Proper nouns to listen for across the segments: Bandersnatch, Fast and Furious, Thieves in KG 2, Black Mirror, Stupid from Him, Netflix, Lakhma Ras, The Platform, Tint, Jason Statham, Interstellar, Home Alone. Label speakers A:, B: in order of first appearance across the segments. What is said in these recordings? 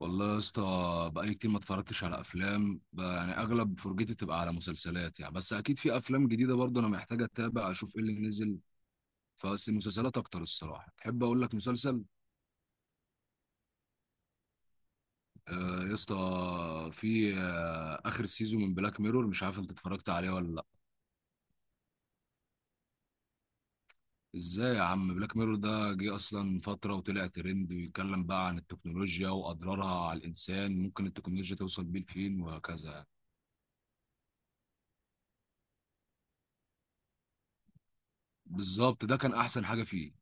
A: والله يا اسطى، بقالي كتير ما اتفرجتش على افلام بقى، يعني اغلب فرجتي بتبقى على مسلسلات يعني، بس اكيد في افلام جديده برضه انا محتاج اتابع اشوف ايه اللي نزل. فبس المسلسلات اكتر الصراحه، تحب اقول لك مسلسل؟ آه يا اسطى، في اخر سيزون من بلاك ميرور، مش عارف انت اتفرجت عليه ولا لا. ازاي يا عم؟ بلاك ميرور ده جه اصلا فتره وطلع ترند، بيتكلم بقى عن التكنولوجيا واضرارها على الانسان، ممكن التكنولوجيا توصل بيه لفين، وهكذا يعني. بالظبط، ده كان احسن حاجه فيه.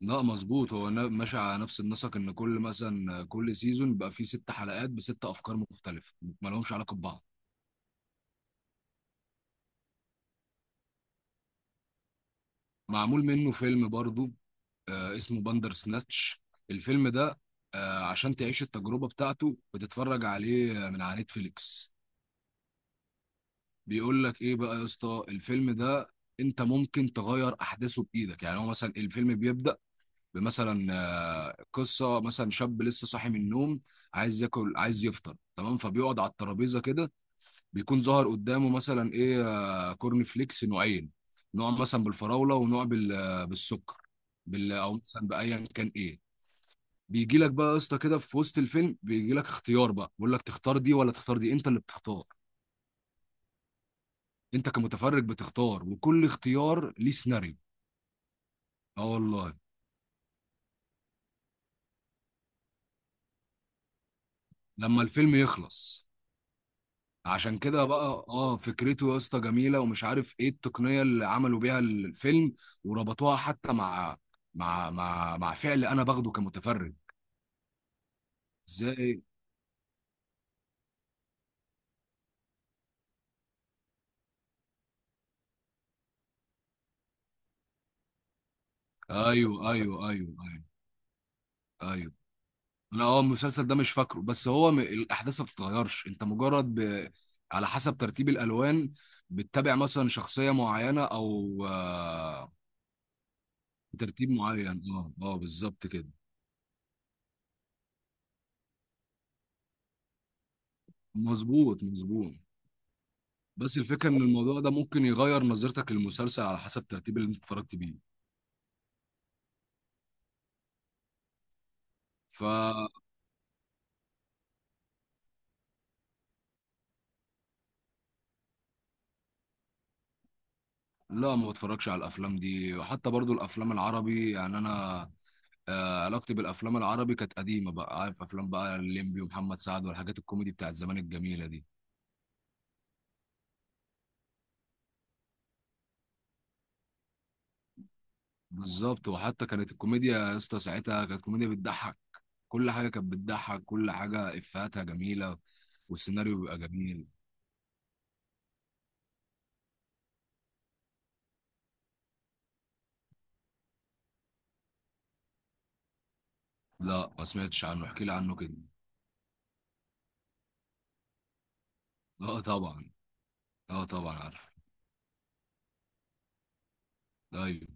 A: لا مظبوط، هو ماشي على نفس النسق، ان كل مثلا كل سيزون بيبقى فيه ست حلقات بست افكار مختلفه، ما لهمش علاقه ببعض. معمول منه فيلم برضو، آه اسمه باندر سناتش، الفيلم ده. آه عشان تعيش التجربه بتاعته بتتفرج عليه من على نتفليكس. بيقول لك ايه بقى يا اسطى الفيلم ده، انت ممكن تغير احداثه بايدك. يعني هو مثلا الفيلم بيبدا بمثلا، قصه مثلا شاب لسه صاحي من النوم، عايز ياكل، عايز يفطر، تمام. فبيقعد على الترابيزه كده، بيكون ظهر قدامه مثلا ايه، كورن فليكس نوعين، نوع مثلا بالفراوله ونوع بالسكر، بال او مثلا بايا كان ايه. بيجي لك بقى يا اسطى كده في وسط الفيلم، بيجي لك اختيار بقى، بيقول لك تختار دي ولا تختار دي، انت اللي بتختار. انت كمتفرج بتختار، وكل اختيار ليه سيناريو. اه والله. لما الفيلم يخلص. عشان كده بقى اه، فكرته يا اسطى جميله، ومش عارف ايه التقنيه اللي عملوا بيها الفيلم وربطوها حتى مع مع فعل انا باخده كمتفرج، ازاي. ايوه، ايوه، ايوه، ايوه، ايوه. انا اه المسلسل ده مش فاكره، بس هو الاحداث ما بتتغيرش، انت مجرد ب... على حسب ترتيب الالوان بتتابع مثلا شخصيه معينه، او ترتيب معين، اه اه بالظبط كده. مظبوط، مظبوط. بس الفكره ان الموضوع ده ممكن يغير نظرتك للمسلسل على حسب الترتيب اللي انت اتفرجت بيه. فلا، ما بتفرجش على الافلام دي، وحتى برضو الافلام العربي، يعني انا علاقتي بالافلام العربي كانت قديمه بقى، عارف افلام بقى الليمبي ومحمد سعد والحاجات الكوميدي بتاعت زمان الجميله دي. بالظبط، وحتى كانت الكوميديا يا اسطى ساعتها كانت كوميديا بتضحك، كل حاجه كانت بتضحك، كل حاجه افهاتها جميله، والسيناريو بيبقى جميل. لا ما سمعتش عنه، احكي لي عنه كده. اه طبعا، اه طبعا عارف. ايوه.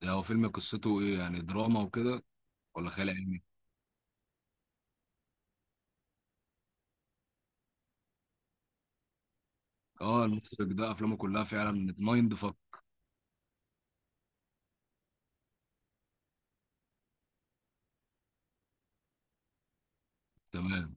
A: ده هو فيلم قصته ايه؟ يعني دراما وكده ولا خيال علمي؟ اه المخرج ده افلامه كلها فعلا مايند فك. تمام.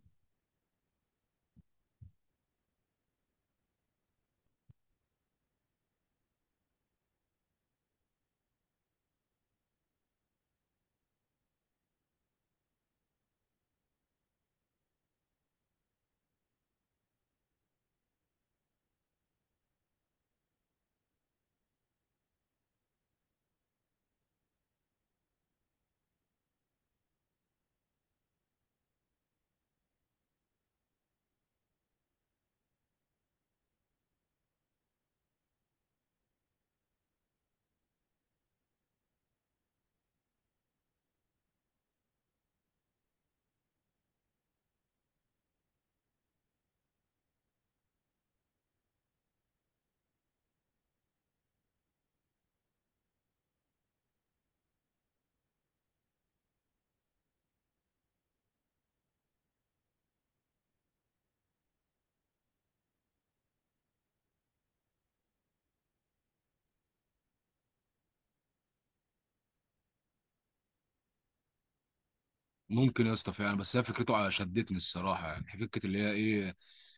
A: ممكن يا اسطى فعلا، بس هي فكرته شدتني الصراحه، يعني فكره اللي هي ايه،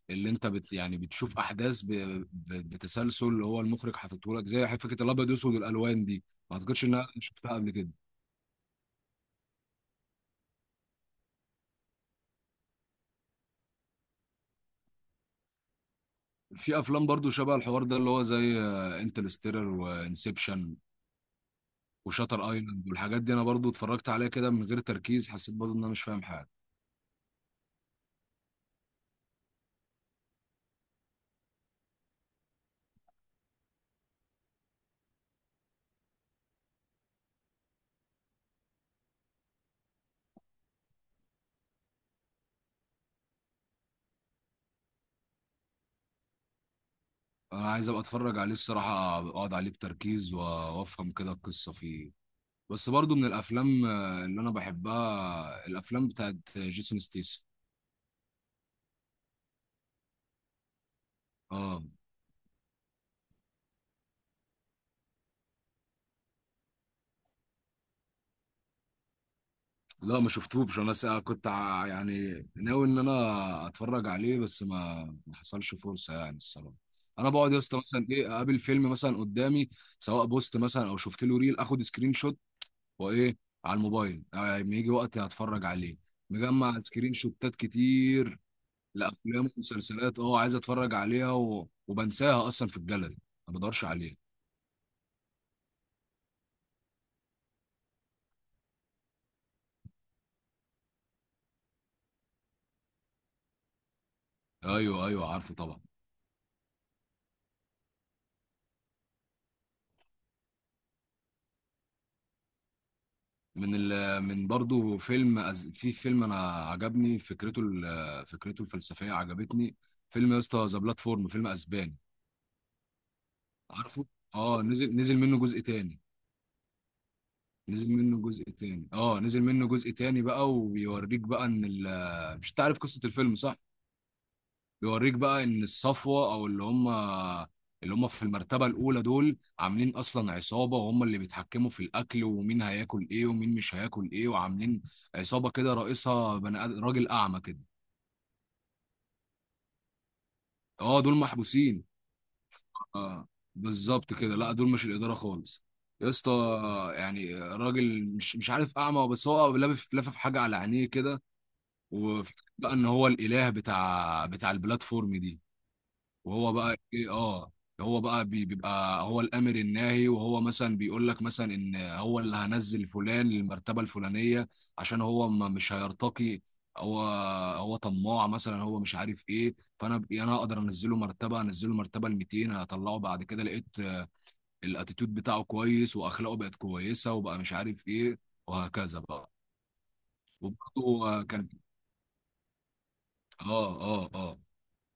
A: اللي انت بت يعني بتشوف احداث بتسلسل اللي هو المخرج حاططه لك، زي فكره الابيض واسود والالوان دي، ما اعتقدش ان انا شفتها قبل كده. في افلام برضو شبه الحوار ده، اللي هو زي انترستيلر وانسبشن وشاتر ايلاند والحاجات دي، انا برضو اتفرجت عليها كده من غير تركيز، حسيت برضو ان انا مش فاهم حاجه. انا عايز ابقى اتفرج عليه الصراحه، اقعد عليه بتركيز وافهم كده القصه فيه. بس برضو من الافلام اللي انا بحبها، الافلام بتاعت جيسون ستيس. اه. لا ما شفتوش، انا يعني ناوي ان انا اتفرج عليه، بس ما حصلش فرصه يعني الصراحه. انا بقعد يا اسطى مثلا ايه، اقابل فيلم مثلا قدامي، سواء بوست مثلا او شفت له ريل، اخد سكرين شوت وايه على الموبايل، لما يجي وقت هتفرج عليه. مجمع سكرين شوتات كتير لافلام ومسلسلات، اه عايز اتفرج عليها، و... وبنساها اصلا في الجاليري، ما بدورش عليها. ايوه ايوه عارفه طبعا. من ال من برضو فيلم في فيلم انا عجبني فكرته، فكرته الفلسفيه عجبتني. فيلم يا اسطى ذا بلاتفورم، فيلم اسباني. عارفه. اه نزل، نزل منه جزء تاني نزل منه جزء تاني اه نزل منه جزء تاني بقى، وبيوريك بقى ان مش تعرف قصه الفيلم صح؟ بيوريك بقى ان الصفوه، او اللي هم اللي هم في المرتبه الاولى دول، عاملين اصلا عصابه، وهم اللي بيتحكموا في الاكل ومين هياكل ايه ومين مش هياكل ايه، وعاملين عصابه كده رئيسها بني راجل اعمى كده. اه دول محبوسين. اه بالظبط كده، لا دول مش الاداره خالص يا اسطى، يعني راجل مش مش عارف اعمى، بس هو لافف حاجه على عينيه كده. وفكرة بقى ان هو الاله بتاع البلاتفورم دي، وهو بقى ايه، اه هو بقى بيبقى هو الامر الناهي، وهو مثلا بيقول لك مثلا ان هو اللي هنزل فلان للمرتبه الفلانيه عشان هو ما مش هيرتقي، هو هو طماع مثلا، هو مش عارف ايه، يعني انا اقدر انزله مرتبه، انزله مرتبه ال 200، هطلعه بعد كده لقيت الاتيتيود بتاعه كويس واخلاقه بقت كويسه وبقى مش عارف ايه، وهكذا بقى. وبرضه آه، كان، اه اه اه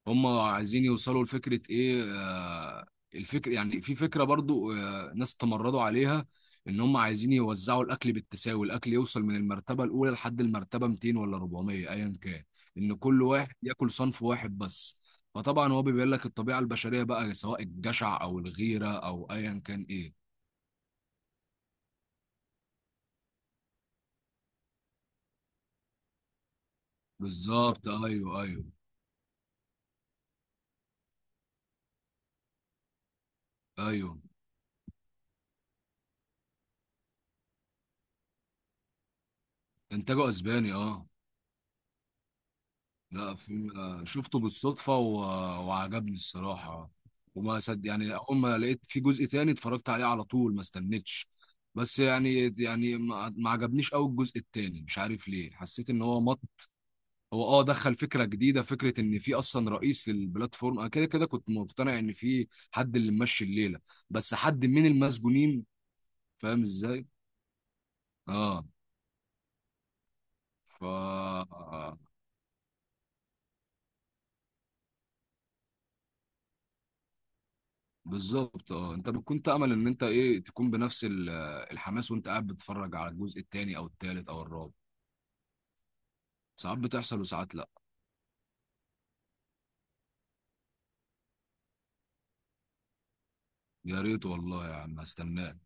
A: هم عايزين يوصلوا لفكرة ايه، الفكر يعني، في فكرة برضو ناس تمردوا عليها، ان هم عايزين يوزعوا الاكل بالتساوي، الاكل يوصل من المرتبة الاولى لحد المرتبة 200 ولا 400 ايا كان، ان كل واحد ياكل صنف واحد بس. فطبعا هو بيبين لك الطبيعة البشرية بقى، سواء الجشع او الغيرة او ايا كان ايه. بالظبط، ايوه، ايوه، ايوه. انتاجه اسباني اه. لا فيلم شفته بالصدفة و... وعجبني الصراحة، وما صد، يعني أول ما لقيت في جزء تاني اتفرجت عليه على طول، ما استنيتش. بس يعني يعني ما عجبنيش قوي الجزء التاني، مش عارف ليه، حسيت ان هو مط، هو اه دخل فكرة جديدة، فكرة ان في اصلا رئيس للبلاتفورم، انا كده كده كنت مقتنع ان في حد اللي ممشي الليلة بس حد من المسجونين، فاهم ازاي. اه. ف. بالظبط، اه انت بتكون تأمل ان انت ايه، تكون بنفس الحماس وانت قاعد بتتفرج على الجزء التاني او التالت او الرابع. ساعات بتحصل وساعات لا. يا ريت والله يا عم، استناك.